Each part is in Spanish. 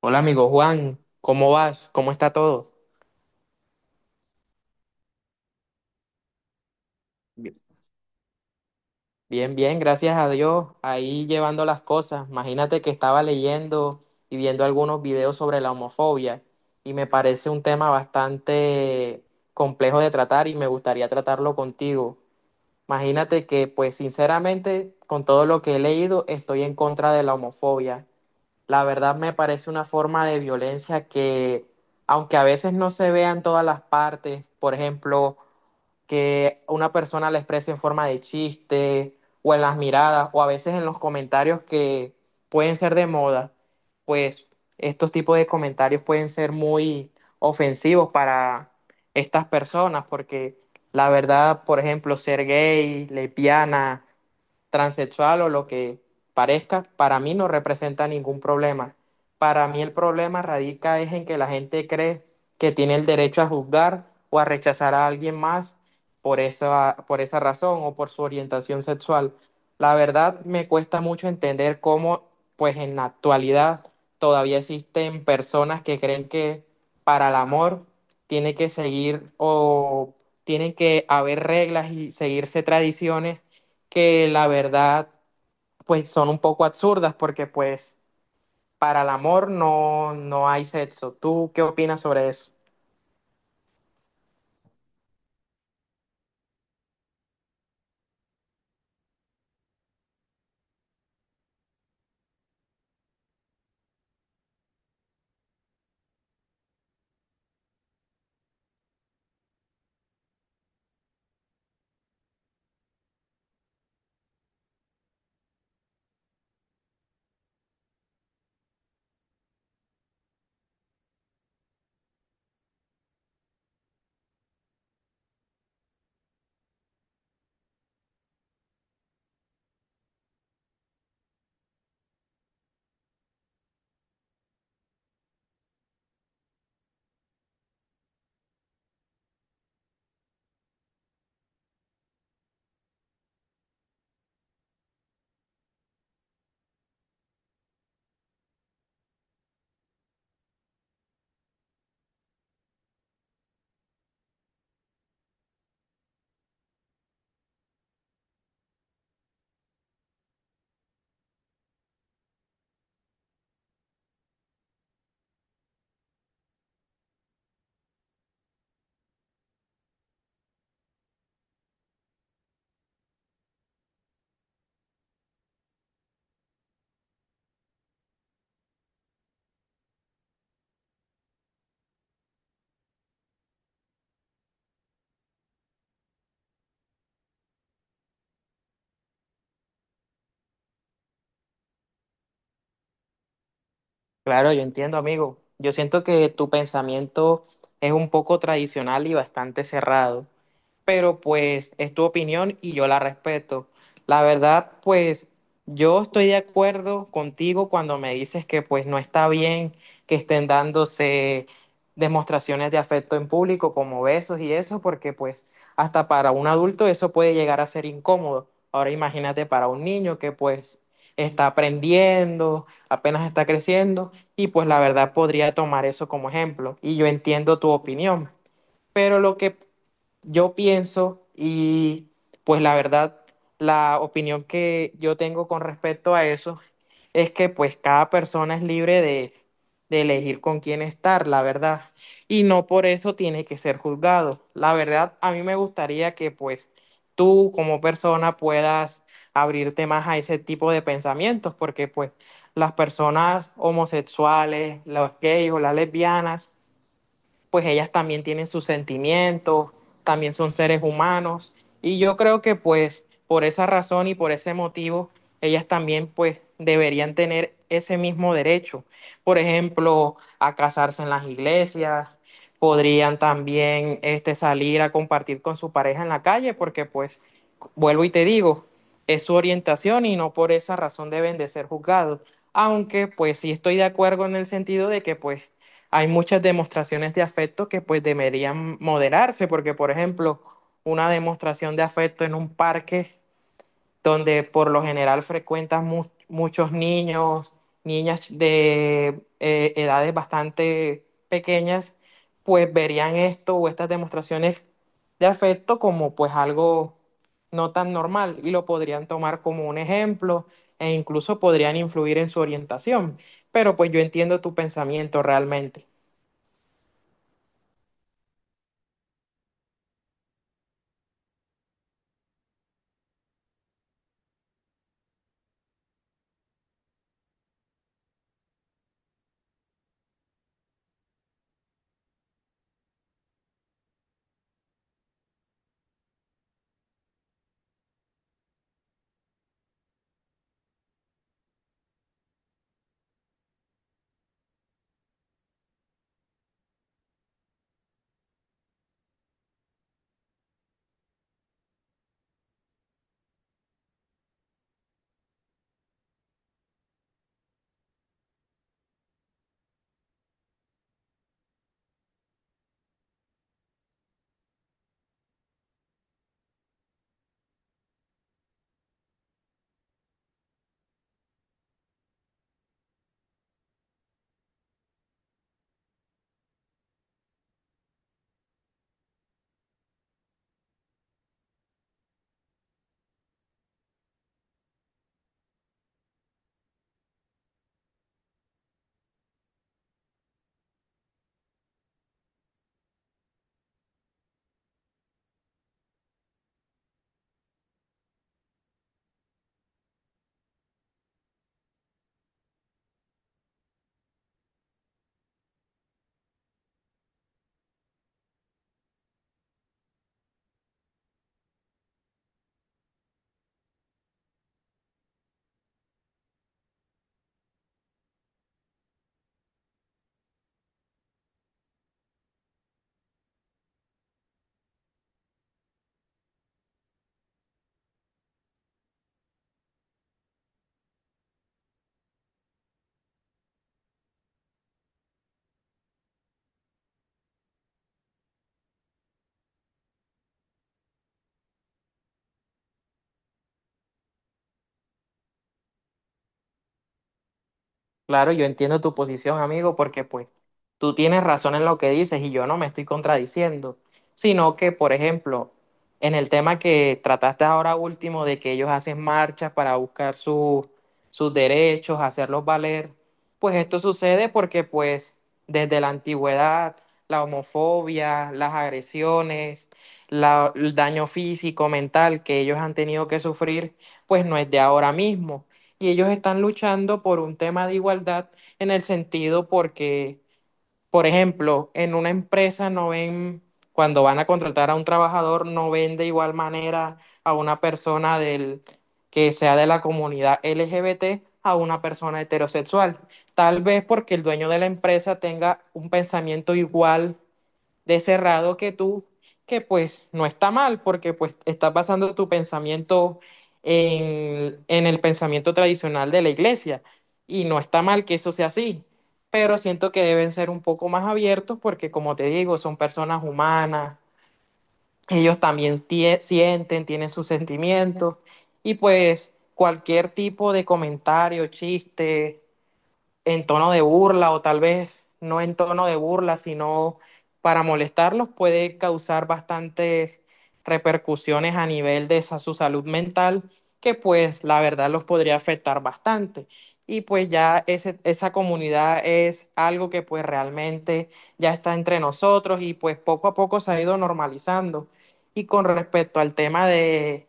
Hola amigo Juan, ¿cómo vas? ¿Cómo está todo? Bi- Bien, bien, gracias a Dios. Ahí llevando las cosas. Imagínate que estaba leyendo y viendo algunos videos sobre la homofobia y me parece un tema bastante complejo de tratar y me gustaría tratarlo contigo. Imagínate que, pues sinceramente, con todo lo que he leído, estoy en contra de la homofobia. La verdad me parece una forma de violencia que, aunque a veces no se vea en todas las partes, por ejemplo, que una persona la exprese en forma de chiste o en las miradas o a veces en los comentarios que pueden ser de moda, pues estos tipos de comentarios pueden ser muy ofensivos para estas personas porque la verdad, por ejemplo, ser gay, lesbiana, transexual o lo que parezca, para mí no representa ningún problema. Para mí el problema radica es en que la gente cree que tiene el derecho a juzgar o a rechazar a alguien más por esa razón o por su orientación sexual. La verdad me cuesta mucho entender cómo, pues en la actualidad, todavía existen personas que creen que para el amor tiene que seguir o tienen que haber reglas y seguirse tradiciones que la verdad pues son un poco absurdas porque pues para el amor no, no hay sexo. ¿Tú qué opinas sobre eso? Claro, yo entiendo, amigo. Yo siento que tu pensamiento es un poco tradicional y bastante cerrado, pero pues es tu opinión y yo la respeto. La verdad, pues yo estoy de acuerdo contigo cuando me dices que pues no está bien que estén dándose demostraciones de afecto en público como besos y eso, porque pues hasta para un adulto eso puede llegar a ser incómodo. Ahora imagínate para un niño que pues está aprendiendo, apenas está creciendo y pues la verdad podría tomar eso como ejemplo. Y yo entiendo tu opinión. Pero lo que yo pienso y pues la verdad, la opinión que yo tengo con respecto a eso es que pues cada persona es libre de elegir con quién estar, la verdad. Y no por eso tiene que ser juzgado. La verdad, a mí me gustaría que pues tú como persona puedas abrirte más a ese tipo de pensamientos, porque pues las personas homosexuales, los gays o las lesbianas, pues ellas también tienen sus sentimientos, también son seres humanos y yo creo que pues por esa razón y por ese motivo ellas también pues deberían tener ese mismo derecho. Por ejemplo, a casarse en las iglesias, podrían también este, salir a compartir con su pareja en la calle porque pues vuelvo y te digo, es su orientación y no por esa razón deben de ser juzgados. Aunque pues sí estoy de acuerdo en el sentido de que pues hay muchas demostraciones de afecto que pues deberían moderarse, porque por ejemplo, una demostración de afecto en un parque donde por lo general frecuentas muchos niños, niñas de edades bastante pequeñas, pues verían esto o estas demostraciones de afecto como pues algo no tan normal y lo podrían tomar como un ejemplo e incluso podrían influir en su orientación. Pero pues yo entiendo tu pensamiento realmente. Claro, yo entiendo tu posición, amigo, porque pues tú tienes razón en lo que dices y yo no me estoy contradiciendo, sino que, por ejemplo, en el tema que trataste ahora último de que ellos hacen marchas para buscar sus derechos, hacerlos valer, pues esto sucede porque pues desde la antigüedad la homofobia, las agresiones, el daño físico, mental que ellos han tenido que sufrir, pues no es de ahora mismo y ellos están luchando por un tema de igualdad en el sentido porque, por ejemplo, en una empresa no ven, cuando van a contratar a un trabajador, no ven de igual manera a una persona del, que sea de la comunidad LGBT a una persona heterosexual. Tal vez porque el dueño de la empresa tenga un pensamiento igual de cerrado que tú, que pues no está mal, porque pues estás basando tu pensamiento en el pensamiento tradicional de la iglesia, y no está mal que eso sea así, pero siento que deben ser un poco más abiertos porque como te digo, son personas humanas, ellos también sienten, tienen sus sentimientos, y pues cualquier tipo de comentario, chiste en tono de burla o tal vez no en tono de burla, sino para molestarlos, puede causar bastantes repercusiones a nivel de esa, su salud mental, que pues la verdad los podría afectar bastante. Y pues ya esa comunidad es algo que pues realmente ya está entre nosotros y pues poco a poco se ha ido normalizando. Y con respecto al tema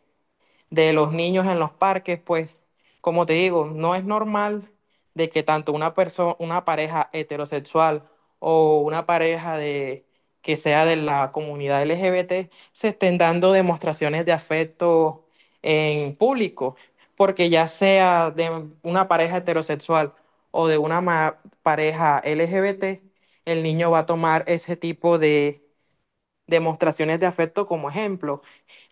de los niños en los parques, pues como te digo, no es normal de que tanto una persona, una pareja heterosexual o una pareja de que sea de la comunidad LGBT se estén dando demostraciones de afecto en público, porque ya sea de una pareja heterosexual o de una pareja LGBT, el niño va a tomar ese tipo de demostraciones de afecto como ejemplo.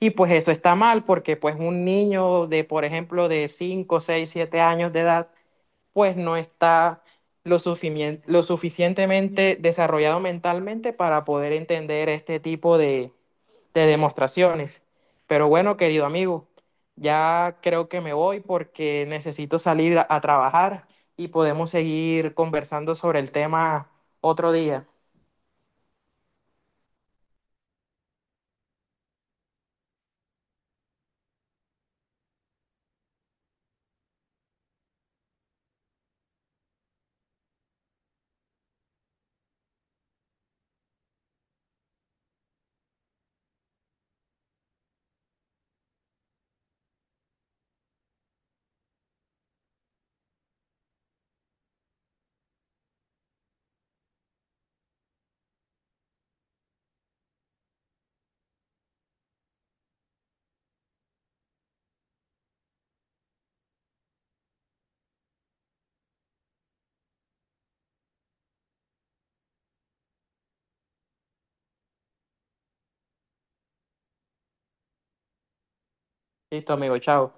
Y pues eso está mal porque pues un niño de, por ejemplo, de 5 6 7 años de edad, pues no está lo, lo suficientemente desarrollado mentalmente para poder entender este tipo de demostraciones. Pero bueno, querido amigo, ya creo que me voy porque necesito salir a trabajar y podemos seguir conversando sobre el tema otro día. Listo, amigo, chao.